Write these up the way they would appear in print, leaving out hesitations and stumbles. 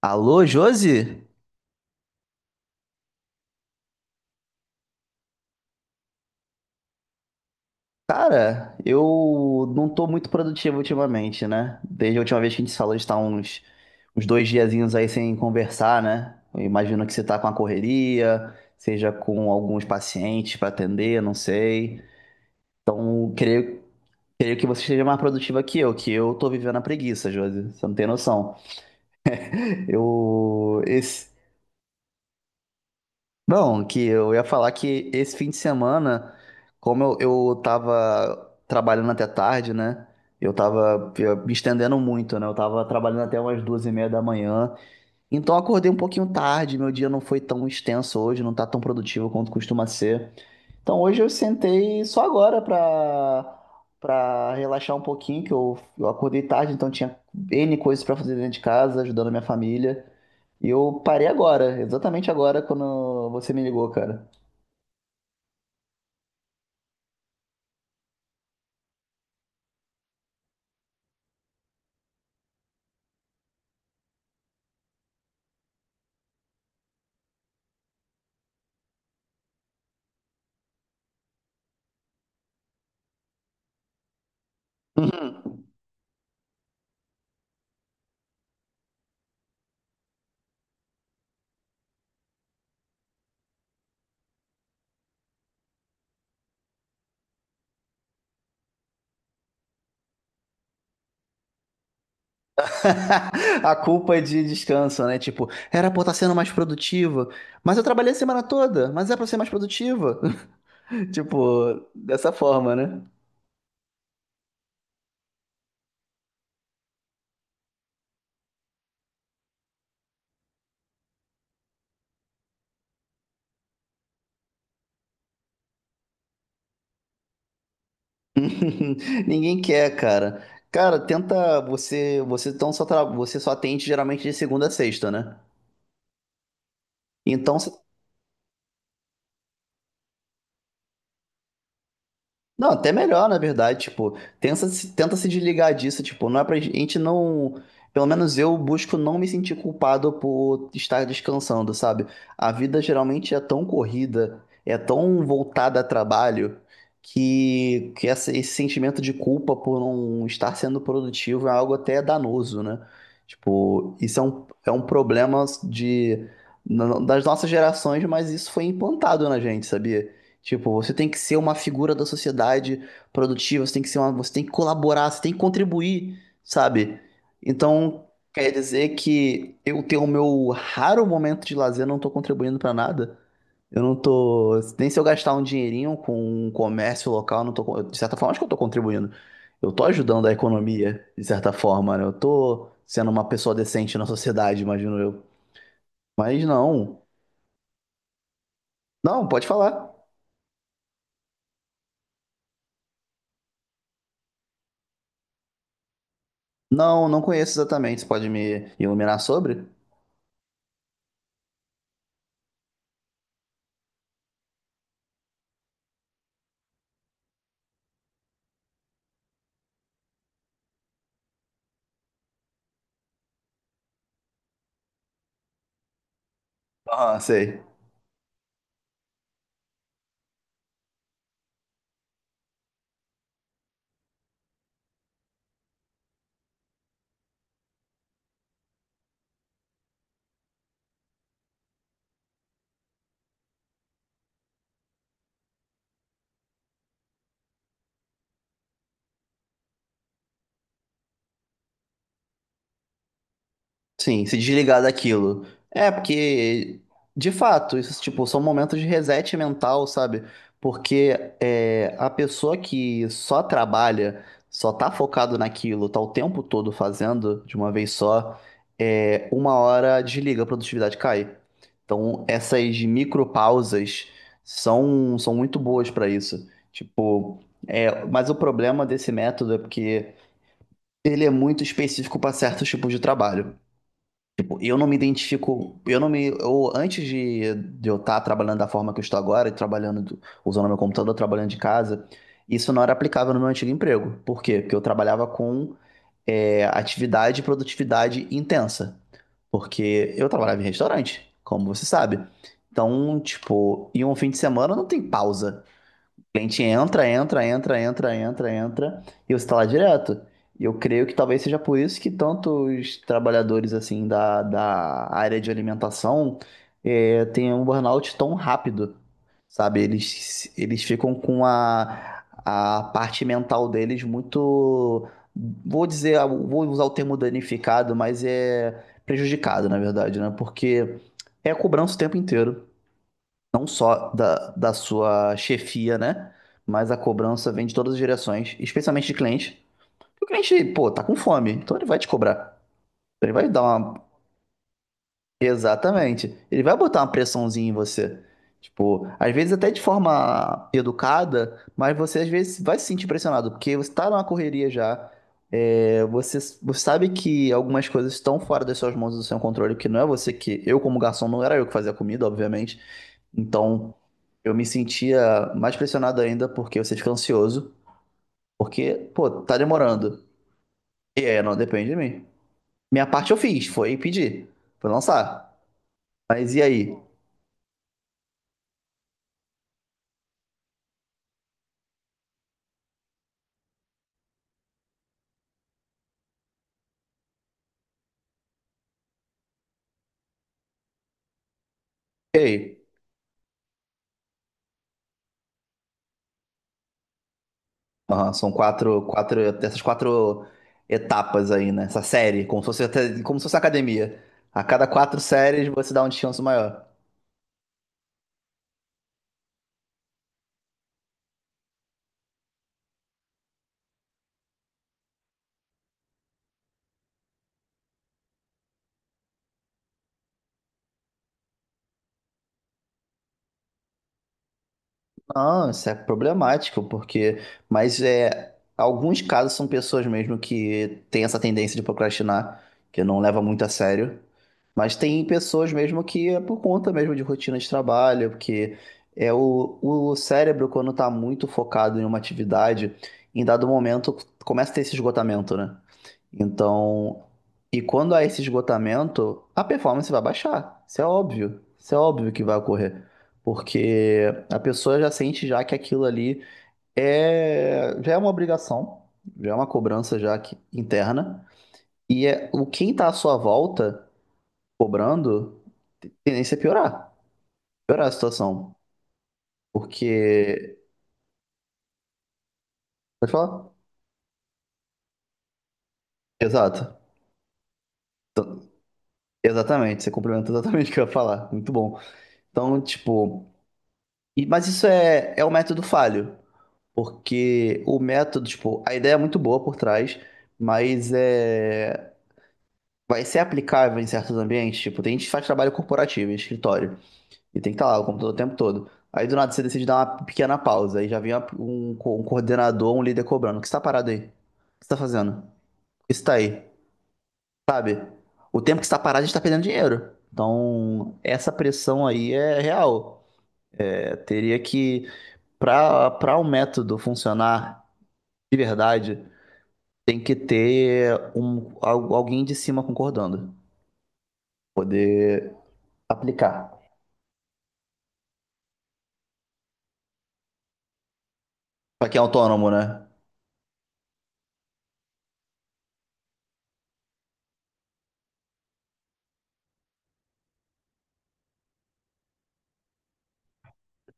Alô, Josi? Cara, eu não tô muito produtivo ultimamente, né? Desde a última vez que a gente se falou, a gente tá uns dois diazinhos aí sem conversar, né? Eu imagino que você tá com a correria, seja com alguns pacientes pra atender, não sei. Eu Creio, creio que você esteja mais produtiva que eu tô vivendo a preguiça, Josi. Você não tem noção. Eu, esse, Não, Que eu ia falar que esse fim de semana, como eu tava trabalhando até tarde, né? Eu tava me estendendo muito, né? Eu tava trabalhando até umas duas e meia da manhã. Então eu acordei um pouquinho tarde, meu dia não foi tão extenso hoje, não tá tão produtivo quanto costuma ser. Então hoje eu sentei só agora para relaxar um pouquinho, que eu acordei tarde, então tinha N coisas para fazer dentro de casa, ajudando a minha família. E eu parei agora, exatamente agora quando você me ligou, cara. A culpa é de descanso, né? Tipo, era pra eu estar sendo mais produtiva, mas eu trabalhei a semana toda, mas é pra eu ser mais produtiva. Tipo, dessa forma, né? Ninguém quer, cara. Cara, tenta você então você só atende geralmente de segunda a sexta, né? Então não, até melhor, na verdade, tipo, tenta se desligar disso, tipo, não é pra gente não, pelo menos eu busco não me sentir culpado por estar descansando, sabe? A vida geralmente é tão corrida, é tão voltada a trabalho, que esse sentimento de culpa por não estar sendo produtivo é algo até danoso, né? Tipo, é um problema das nossas gerações, mas isso foi implantado na gente, sabia? Tipo, você tem que ser uma figura da sociedade produtiva, você tem que colaborar, você tem que contribuir, sabe? Então, quer dizer que eu tenho o meu raro momento de lazer, eu não tô contribuindo pra nada. Eu não tô, nem se eu gastar um dinheirinho com um comércio local, eu não tô, de certa forma, acho que eu tô contribuindo. Eu tô ajudando a economia, de certa forma, né? Eu tô sendo uma pessoa decente na sociedade, imagino eu. Mas não. Não, pode falar. Não, não conheço exatamente. Você pode me iluminar sobre? Ah, sei. Sim, se desligar daquilo. É, porque, de fato, isso, tipo, são momentos de reset mental, sabe? Porque é, a pessoa que só trabalha, só tá focado naquilo, tá o tempo todo fazendo de uma vez só, é, uma hora desliga, a produtividade cai. Então, essas micropausas são muito boas pra isso. Tipo, é, mas o problema desse método é porque ele é muito específico para certos tipos de trabalho. Eu não me identifico, eu não me, eu, antes de eu estar trabalhando da forma que eu estou agora, e trabalhando, usando meu computador, trabalhando de casa, isso não era aplicável no meu antigo emprego. Por quê? Porque eu trabalhava com atividade e produtividade intensa, porque eu trabalhava em restaurante, como você sabe. Então, tipo, em um fim de semana não tem pausa cliente entra, entra, entra, entra, entra, entra, e você está lá direto. E eu creio que talvez seja por isso que tantos trabalhadores assim da área de alimentação têm um burnout tão rápido, sabe? Eles ficam com a parte mental deles muito, vou dizer, vou usar o termo danificado, mas é prejudicado, na verdade, né? Porque é cobrança o tempo inteiro não só da sua chefia, né? Mas a cobrança vem de todas as direções, especialmente de cliente. O cliente, pô, tá com fome, então ele vai te cobrar. Ele vai dar uma. Exatamente. Ele vai botar uma pressãozinha em você. Tipo, às vezes até de forma educada, mas você às vezes vai se sentir pressionado, porque você tá numa correria já. É, você sabe que algumas coisas estão fora das suas mãos e do seu controle, que não é você que. Eu, como garçom, não era eu que fazia a comida, obviamente. Então, eu me sentia mais pressionado ainda porque você fica ansioso, porque, pô, tá demorando. E aí, não depende de mim. Minha parte eu fiz, foi pedir, foi lançar. Mas e aí? E aí? Aham, são quatro, essas quatro etapas aí, né? Essa série, como se fosse, como se fosse academia. A cada quatro séries você dá um descanso maior. Não, isso é problemático, porque. Mas é, alguns casos são pessoas mesmo que têm essa tendência de procrastinar, que não leva muito a sério. Mas tem pessoas mesmo que é por conta mesmo de rotina de trabalho, porque é o cérebro, quando está muito focado em uma atividade, em dado momento começa a ter esse esgotamento, né? Então, e quando há esse esgotamento, a performance vai baixar. Isso é óbvio. Isso é óbvio que vai ocorrer. Porque a pessoa já sente já que aquilo ali é já é uma obrigação, já é uma cobrança interna. E é o quem está à sua volta cobrando, tendência é piorar, piorar a situação. Porque pode falar? Exato. Exatamente, você complementa exatamente o que eu ia falar. Muito bom. Então, tipo, mas isso é o método falho. Porque o método, tipo, a ideia é muito boa por trás, mas é. Vai ser aplicável em certos ambientes. Tipo, tem gente que faz trabalho corporativo, em escritório, e tem que estar lá o computador o tempo todo. Aí do nada você decide dar uma pequena pausa, aí já vem um coordenador, um líder cobrando. O que você tá parado aí? O que você tá fazendo? O que você tá aí? Sabe? O tempo que você tá parado, a gente tá perdendo dinheiro. Então, essa pressão aí é real. É, para um método funcionar de verdade, tem que ter alguém de cima concordando. Poder aplicar. Pra quem é autônomo, né?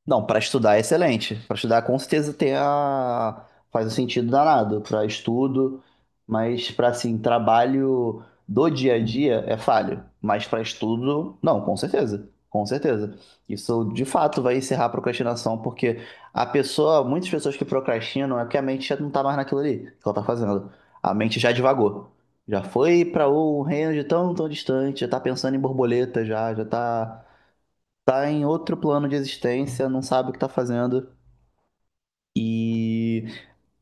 Não, para estudar é excelente. Para estudar, com certeza tem a... faz um sentido danado para estudo, mas para assim, trabalho do dia a dia é falho. Mas para estudo, não, com certeza. Com certeza. Isso de fato vai encerrar a procrastinação, porque a pessoa, muitas pessoas que procrastinam é que a mente já não tá mais naquilo ali que ela tá fazendo. A mente já divagou. Já foi para um reino de tão, tão distante, já tá pensando em borboleta já, tá em outro plano de existência, não sabe o que tá fazendo. E.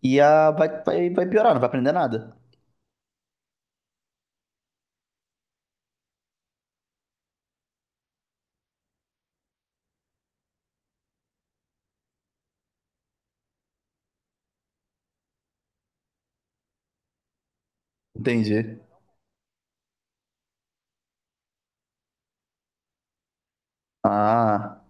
E a, vai piorar, não vai aprender nada. Entendi. Ah,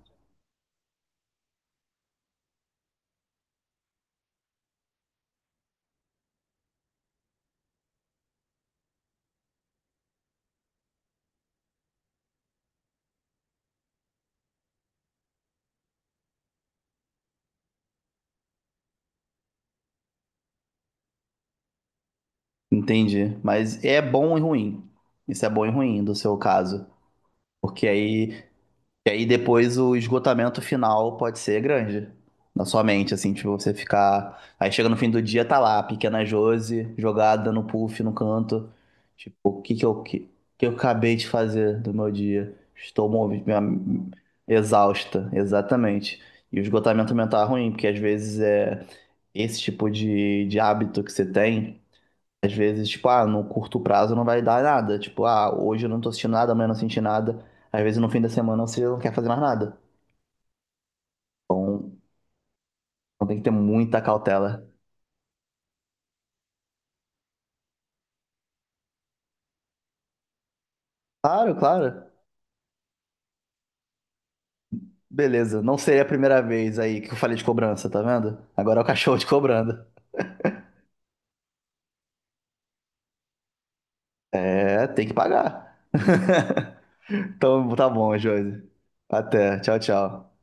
entendi. Mas é bom e ruim. Isso é bom e ruim do seu caso. Porque aí e aí depois o esgotamento final pode ser grande na sua mente, assim, tipo, você ficar. Aí chega no fim do dia, tá lá, a pequena Josi, jogada no puff, no canto. Tipo, o que eu acabei de fazer do meu dia? Estou exausta, exatamente. E o esgotamento mental é ruim, porque às vezes é esse tipo de hábito que você tem às vezes, tipo, ah, no curto prazo não vai dar nada. Tipo, ah, hoje eu não tô sentindo nada, amanhã eu não assisti nada. Às vezes no fim da semana você não quer fazer mais nada. Então, então tem que ter muita cautela. Claro, claro. Beleza, não seria a primeira vez aí que eu falei de cobrança, tá vendo? Agora é o cachorro te cobrando. É, tem que pagar. Então tá bom, Josi. Até. Tchau, tchau.